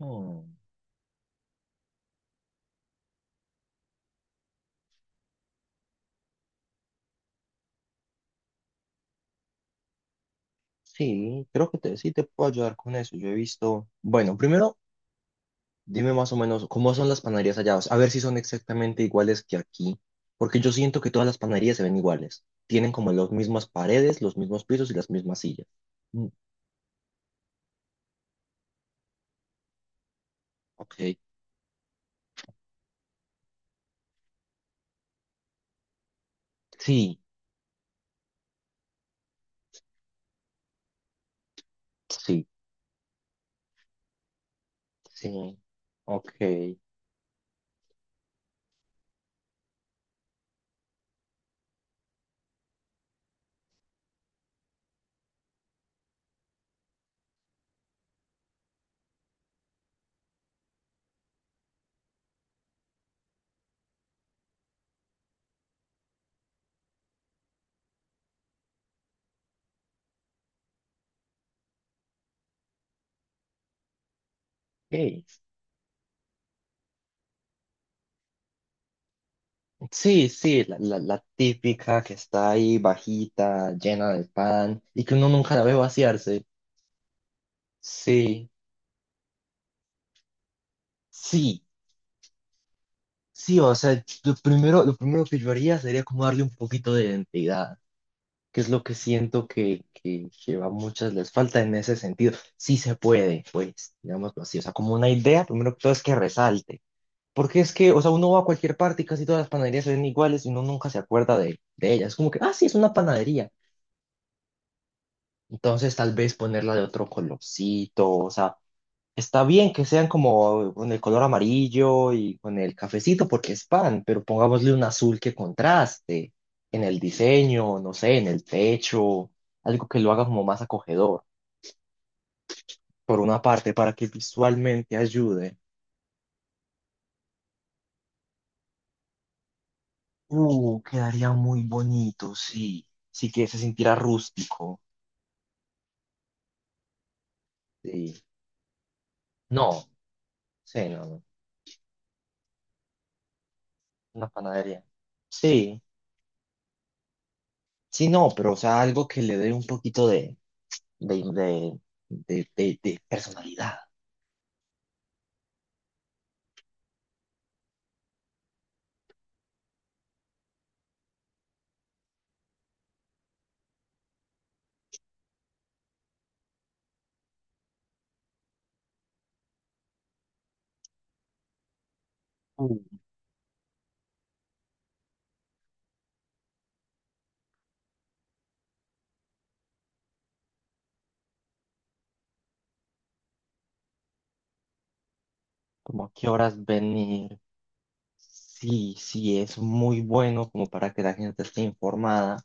Oh, sí, creo sí te puedo ayudar con eso. Yo he visto, bueno, primero dime más o menos cómo son las panaderías allá, o sea, a ver si son exactamente iguales que aquí, porque yo siento que todas las panaderías se ven iguales. Tienen como las mismas paredes, los mismos pisos y las mismas sillas. Mm, ok, sí, sí, sí, ok. Ok. Sí, sí, la típica que está ahí bajita, llena de pan y que uno nunca la ve vaciarse. Sí, sí. Sí, o sea, lo primero que yo haría sería como darle un poquito de identidad, que es lo que siento que, que a muchas les falta en ese sentido. Sí se puede, pues, digámoslo así, o sea, como una idea, primero que todo es que resalte, porque es que, o sea, uno va a cualquier parte y casi todas las panaderías se ven iguales y uno nunca se acuerda de ellas, es como que, ah, sí, es una panadería. Entonces, tal vez ponerla de otro colorcito, o sea, está bien que sean como con el color amarillo y con el cafecito porque es pan, pero pongámosle un azul que contraste en el diseño, no sé, en el techo, algo que lo haga como más acogedor, por una parte, para que visualmente ayude. Quedaría muy bonito, sí. Sí que se sintiera rústico. Sí. No, sí, no, no. Una panadería. Sí, sí, no, pero o sea, algo que le dé un poquito de, de, de personalidad. Uh, ¿Como a qué horas venir? Sí, sí, es muy bueno como para que la gente esté informada.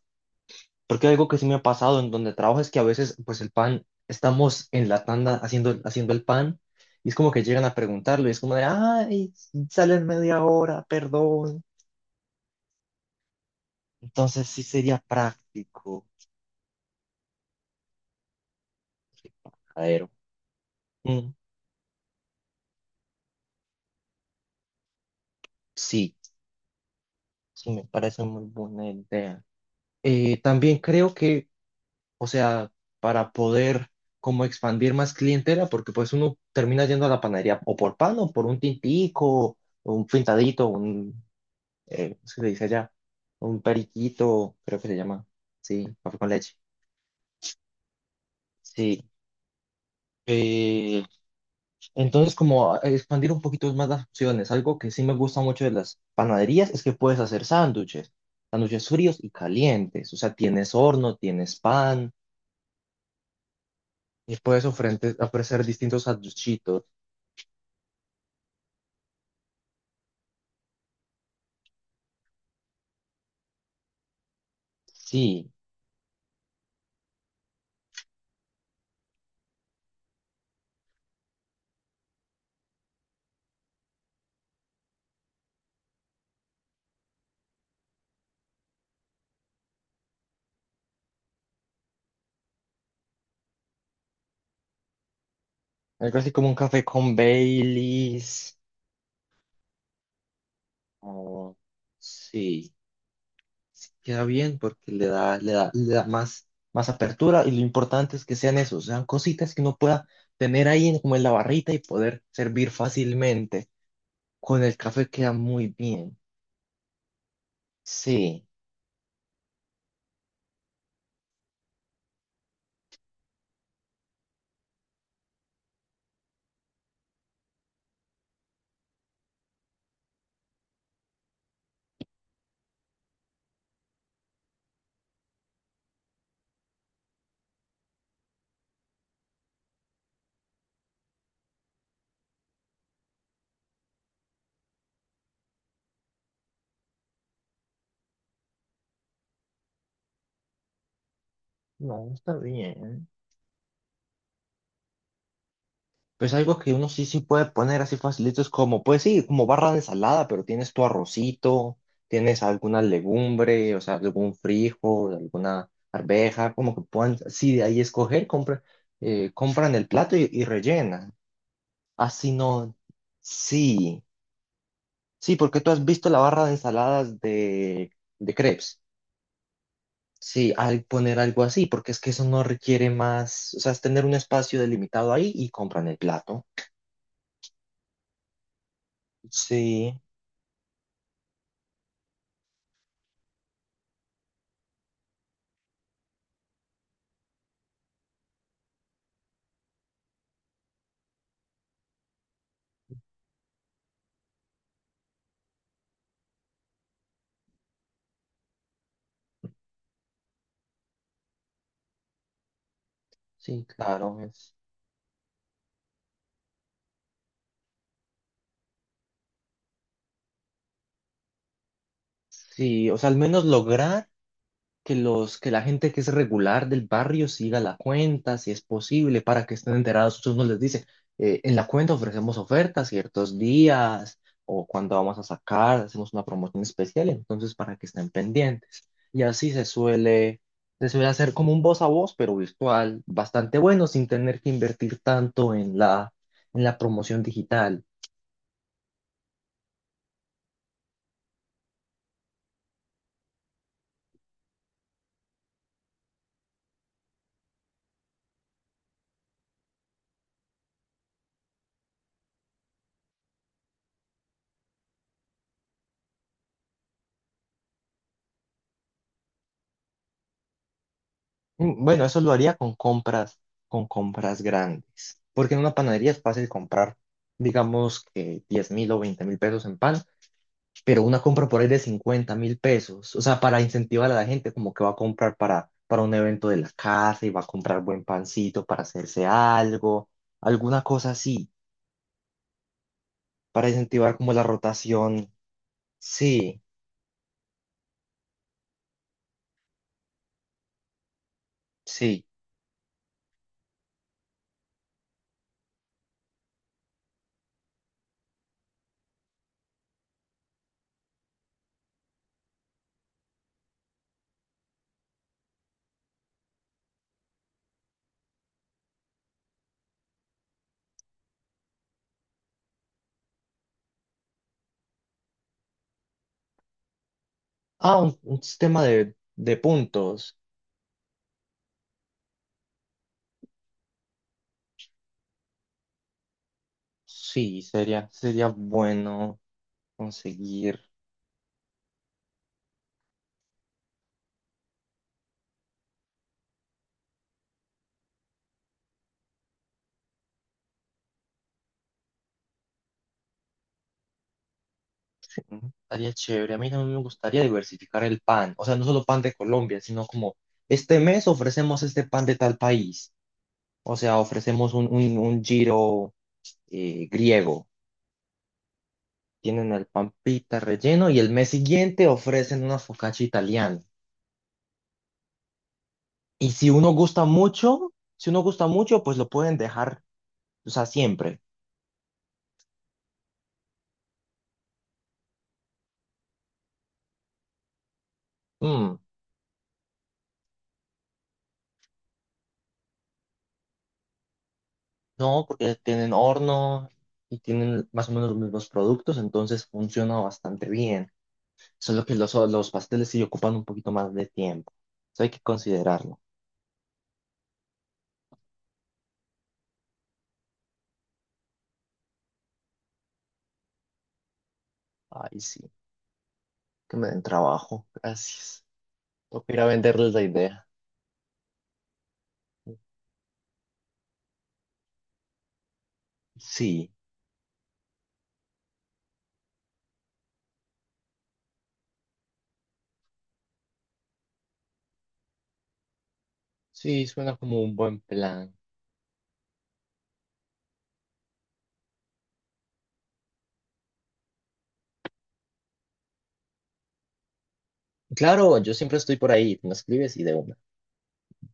Porque algo que sí me ha pasado en donde trabajo es que a veces, pues el pan, estamos en la tanda haciendo el pan y es como que llegan a preguntarlo y es como de, ay, sale en media hora, perdón. Entonces sí sería práctico. Sí, majadero. Mm, sí, sí, me parece muy buena idea. También creo que, o sea, para poder como expandir más clientela, porque pues uno termina yendo a la panadería o por pan o por un tintico, o un pintadito, ¿cómo se le dice allá? Un periquito, creo que se llama, sí, café con leche, sí. Eh, entonces, como expandir un poquito más las opciones, algo que sí me gusta mucho de las panaderías es que puedes hacer sándwiches, sándwiches fríos y calientes, o sea, tienes horno, tienes pan, y puedes ofrecer distintos sanduchitos. Sí, algo así como un café con Baileys. o- sí, sí queda bien porque le da más, apertura y lo importante es que sean esos, sean cositas que uno pueda tener ahí como en la barrita y poder servir fácilmente. Con el café queda muy bien. Sí, no, está bien. Pues algo que uno sí puede poner así facilitos como, pues sí, como barra de ensalada, pero tienes tu arrocito, tienes alguna legumbre, o sea, algún frijol, alguna arveja, como que puedan, sí, de ahí escoger, compra, compran el plato y rellenan. Así no, sí, sí, porque tú has visto la barra de ensaladas de crepes. Sí, al poner algo así, porque es que eso no requiere más, o sea, es tener un espacio delimitado ahí y compran el plato. Sí. Sí, claro. Sí, o sea, al menos lograr que la gente que es regular del barrio siga la cuenta, si es posible, para que estén enterados. Uno les dice, en la cuenta ofrecemos ofertas ciertos días o cuando vamos a sacar, hacemos una promoción especial, entonces para que estén pendientes. Y así se suele hacer como un voz a voz, pero virtual, bastante bueno, sin tener que invertir tanto en la promoción digital. Mm, bueno, eso lo haría con compras grandes, porque en una panadería es fácil comprar, digamos que 10 mil o 20.000 pesos en pan, pero una compra por ahí de 50.000 pesos, o sea, para incentivar a la gente como que va a comprar para, un evento de la casa y va a comprar buen pancito para hacerse algo, alguna cosa así, para incentivar como la rotación. Sí, sí. Ah, un sistema de puntos. Sí, sería bueno conseguir. Mm, estaría chévere. A mí también me gustaría diversificar el pan. O sea, no solo pan de Colombia, sino como este mes ofrecemos este pan de tal país. O sea, ofrecemos un giro griego. Tienen el pan pita relleno y el mes siguiente ofrecen una focaccia italiana. Y si uno gusta mucho, pues lo pueden dejar, o sea, siempre. Mm, no, porque tienen horno y tienen más o menos los mismos productos, entonces funciona bastante bien. Solo que los pasteles sí ocupan un poquito más de tiempo. Eso hay que considerarlo. Ay, sí. Que me den trabajo. Gracias. Toca ir a venderles la idea. Sí, sí, suena como un buen plan. Claro, yo siempre estoy por ahí. Me escribes y de una.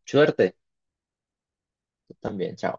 Suerte. Tú también. Chao.